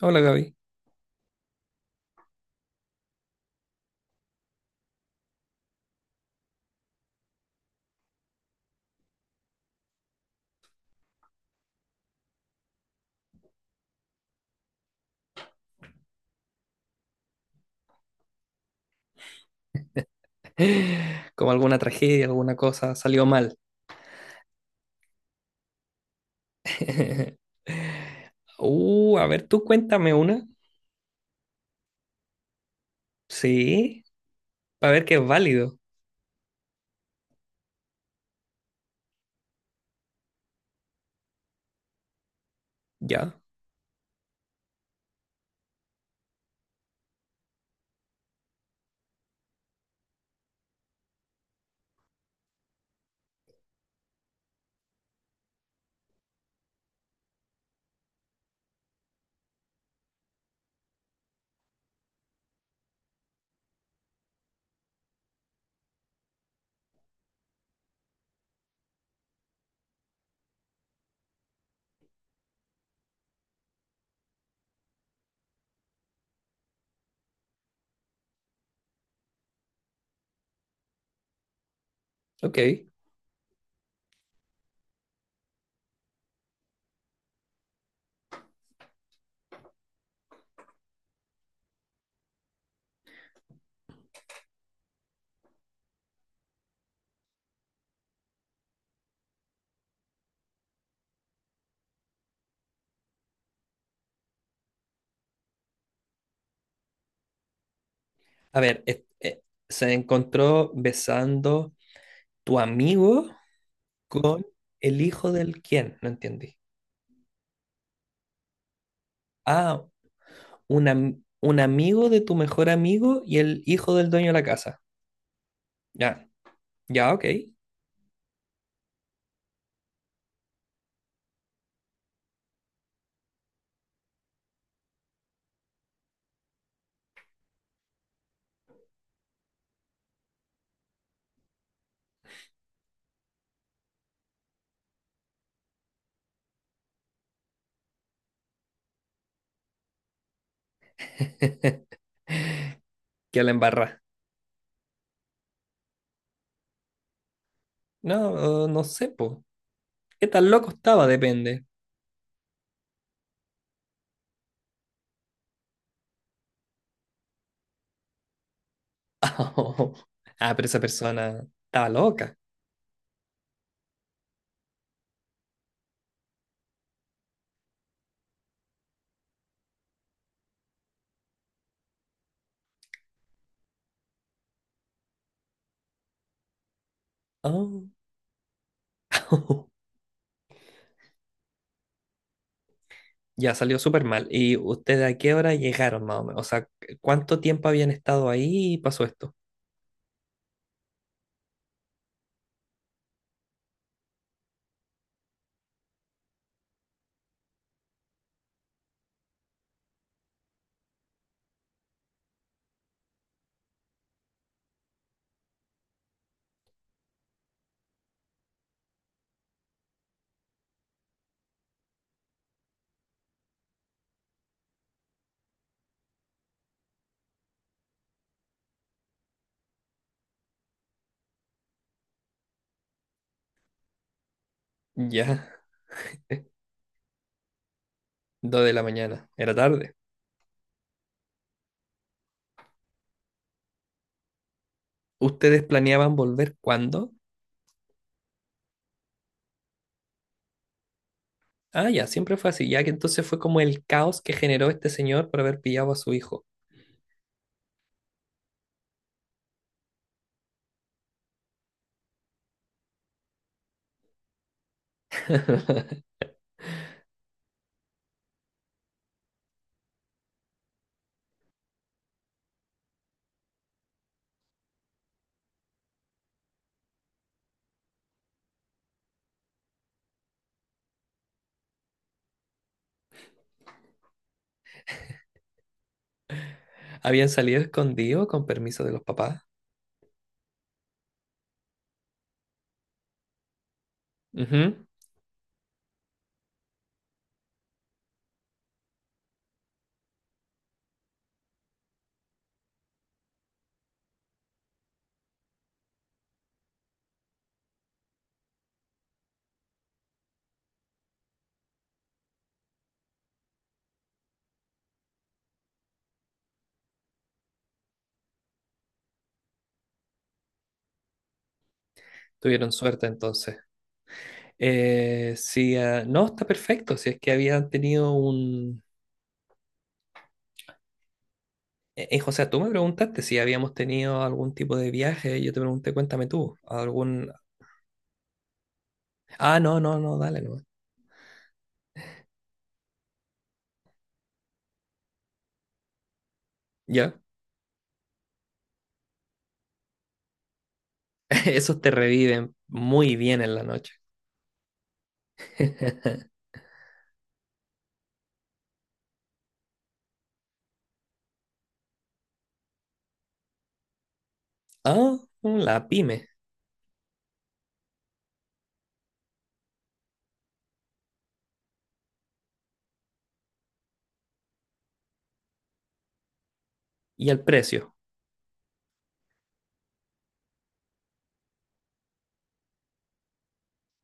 Hola Gaby. Como alguna tragedia, alguna cosa salió mal. A ver, tú cuéntame una. Sí, para ver que es válido. Ya, ok. A ver, se encontró besando tu amigo con el hijo del quién, no entendí. Ah, un amigo de tu mejor amigo y el hijo del dueño de la casa. Ya, ya, ok. Que la embarra. No, no sé, po. ¿Qué tan loco estaba? Depende. Oh. Ah, pero esa persona estaba loca. Oh. Ya salió súper mal. ¿Y ustedes a qué hora llegaron más o menos? O sea, ¿cuánto tiempo habían estado ahí y pasó esto? Ya, dos de la mañana. Era tarde. ¿Ustedes planeaban volver cuándo? Ah, ya, siempre fue así. Ya que entonces fue como el caos que generó este señor por haber pillado a su hijo. ¿Habían salido escondidos con permiso de los papás? Ujú. Tuvieron suerte entonces. Sí, ah, no, está perfecto. Si es que habían tenido un. O sea, tú me preguntaste si habíamos tenido algún tipo de viaje. Yo te pregunté, cuéntame tú, algún. Ah, no, no, no, dale, no. Ya, esos te reviven muy bien en la noche. Ah, la pyme. Y el precio.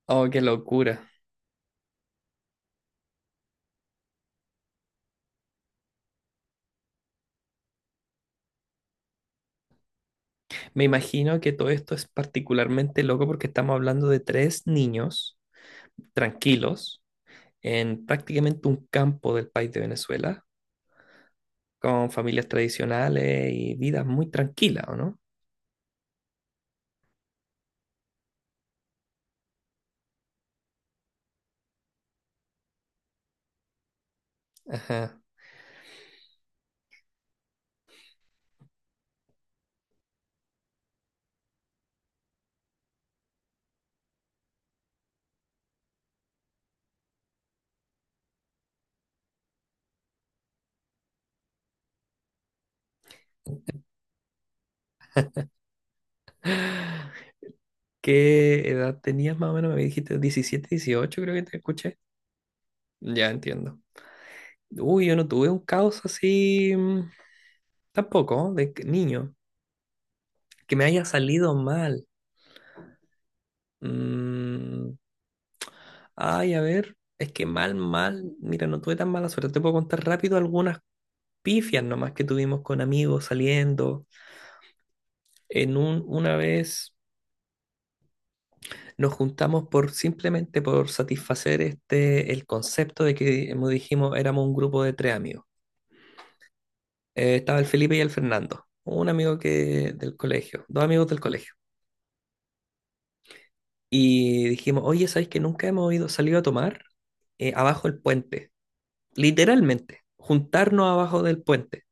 Oh, qué locura. Me imagino que todo esto es particularmente loco porque estamos hablando de tres niños tranquilos en prácticamente un campo del país de Venezuela con familias tradicionales y vidas muy tranquilas, ¿o no? Ajá. ¿Qué edad tenías más o menos? Me dijiste 17, 18, creo que te escuché. Ya entiendo. Uy, yo no tuve un caos así tampoco, niño, que me haya salido mal. Mm, ay, a ver, es que mal, mal, mira, no tuve tan mala suerte. Te puedo contar rápido algunas pifias nomás que tuvimos con amigos saliendo. Una vez nos juntamos por simplemente por satisfacer este el concepto de que, como dijimos, éramos un grupo de tres amigos. Estaba el Felipe y el Fernando, un amigo que del colegio, dos amigos del colegio. Y dijimos, oye, ¿sabes que nunca hemos ido, salido a tomar abajo del puente? Literalmente, juntarnos abajo del puente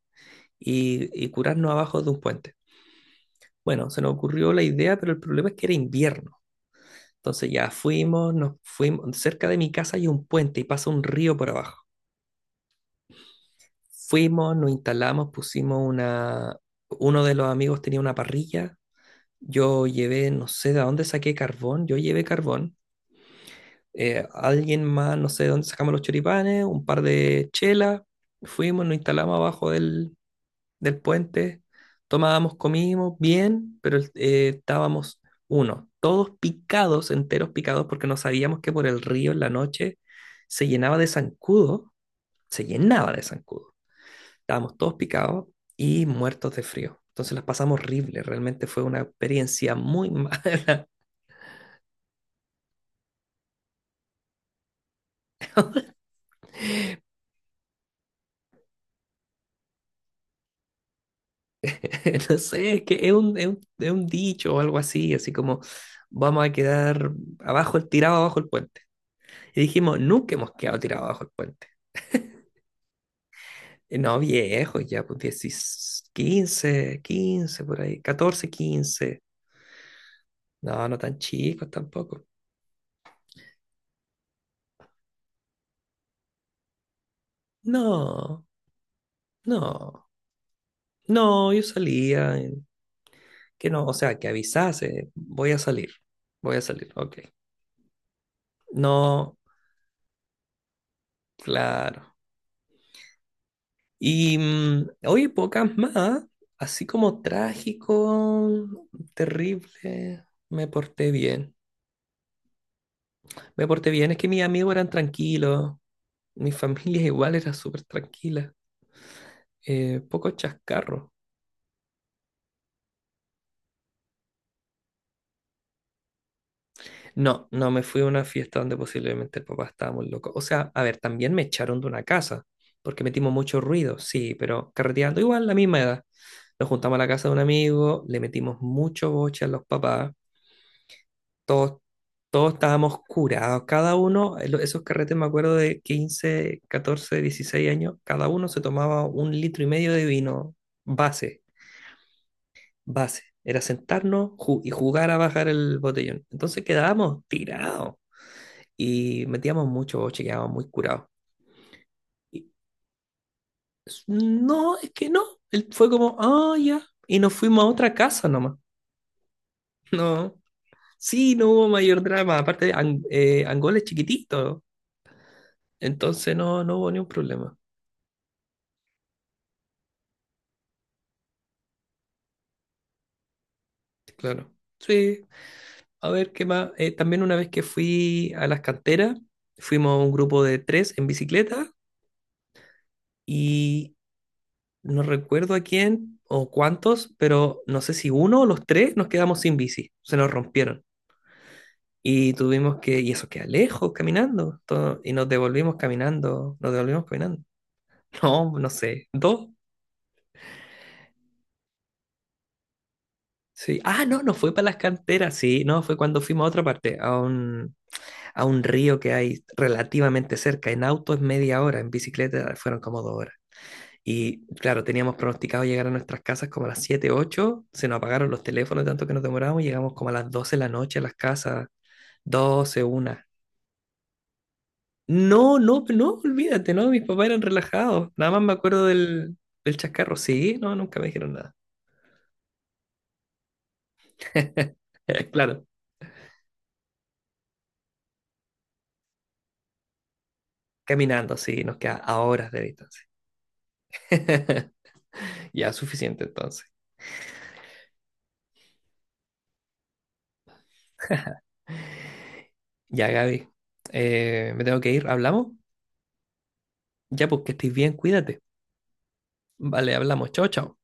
y curarnos abajo de un puente. Bueno, se nos ocurrió la idea, pero el problema es que era invierno. Entonces ya fuimos, nos fuimos, cerca de mi casa hay un puente y pasa un río por abajo. Fuimos, nos instalamos, pusimos una. Uno de los amigos tenía una parrilla, yo llevé, no sé de dónde saqué carbón, yo llevé carbón, alguien más, no sé de dónde sacamos los choripanes, un par de chelas, fuimos, nos instalamos abajo del puente, tomábamos, comimos, bien, pero estábamos, uno, todos picados, enteros picados, porque no sabíamos que por el río en la noche se llenaba de zancudo, se llenaba de zancudo. Estábamos todos picados y muertos de frío. Entonces las pasamos horrible, realmente fue una experiencia muy mala. No sé, es que es un dicho o algo así, así como vamos a quedar abajo, tirado abajo el puente. Y dijimos, nunca hemos quedado tirado abajo el puente. Y no, viejos, ya pues 10 15 15 por ahí, 14 15. No, no tan chicos tampoco. No, no, no, yo salía, que no, o sea, que avisase, voy a salir, ok. No, claro. Y oye, pocas más, así como trágico, terrible, me porté bien. Me porté bien, es que mis amigos eran tranquilos, mi familia igual era súper tranquila, poco chascarro. No, no me fui a una fiesta donde posiblemente el papá estaba muy loco. O sea, a ver, también me echaron de una casa, porque metimos mucho ruido, sí, pero carreteando igual la misma edad. Nos juntamos a la casa de un amigo, le metimos mucho boche a los papás, todos, todos estábamos curados, cada uno, esos carretes me acuerdo de 15, 14, 16 años, cada uno se tomaba un litro y medio de vino base, base. Era sentarnos y jugar a bajar el botellón. Entonces quedábamos tirados y metíamos mucho, chequeábamos muy curados. Y no, es que no. Él fue como, ah, ya. Y nos fuimos a otra casa nomás. No. Sí, no hubo mayor drama. Aparte, Angola es chiquitito. Entonces no hubo ni un problema. Claro. Sí. A ver, ¿qué más? También una vez que fui a las canteras, fuimos un grupo de tres en bicicleta y no recuerdo a quién o cuántos, pero no sé si uno o los tres nos quedamos sin bici. Se nos rompieron. Y tuvimos que, y eso queda lejos caminando, y nos devolvimos caminando, nos devolvimos caminando. No, no sé, dos. Sí. Ah, no, no fue para las canteras, sí, no, fue cuando fuimos a otra parte, a un río que hay relativamente cerca. En auto es media hora, en bicicleta fueron como 2 horas. Y claro, teníamos pronosticado llegar a nuestras casas como a las 7 ocho, se nos apagaron los teléfonos tanto que nos demoramos, llegamos como a las 12 de la noche a las casas, doce una. No, no, no, olvídate, no, mis papás eran relajados. Nada más me acuerdo del chascarro. Sí, no, nunca me dijeron nada. Claro, caminando, sí, nos queda a horas de distancia. Ya, suficiente entonces. Ya, Gaby, me tengo que ir. ¿Hablamos? Ya, pues que estés bien, cuídate. Vale, hablamos. Chao, chao.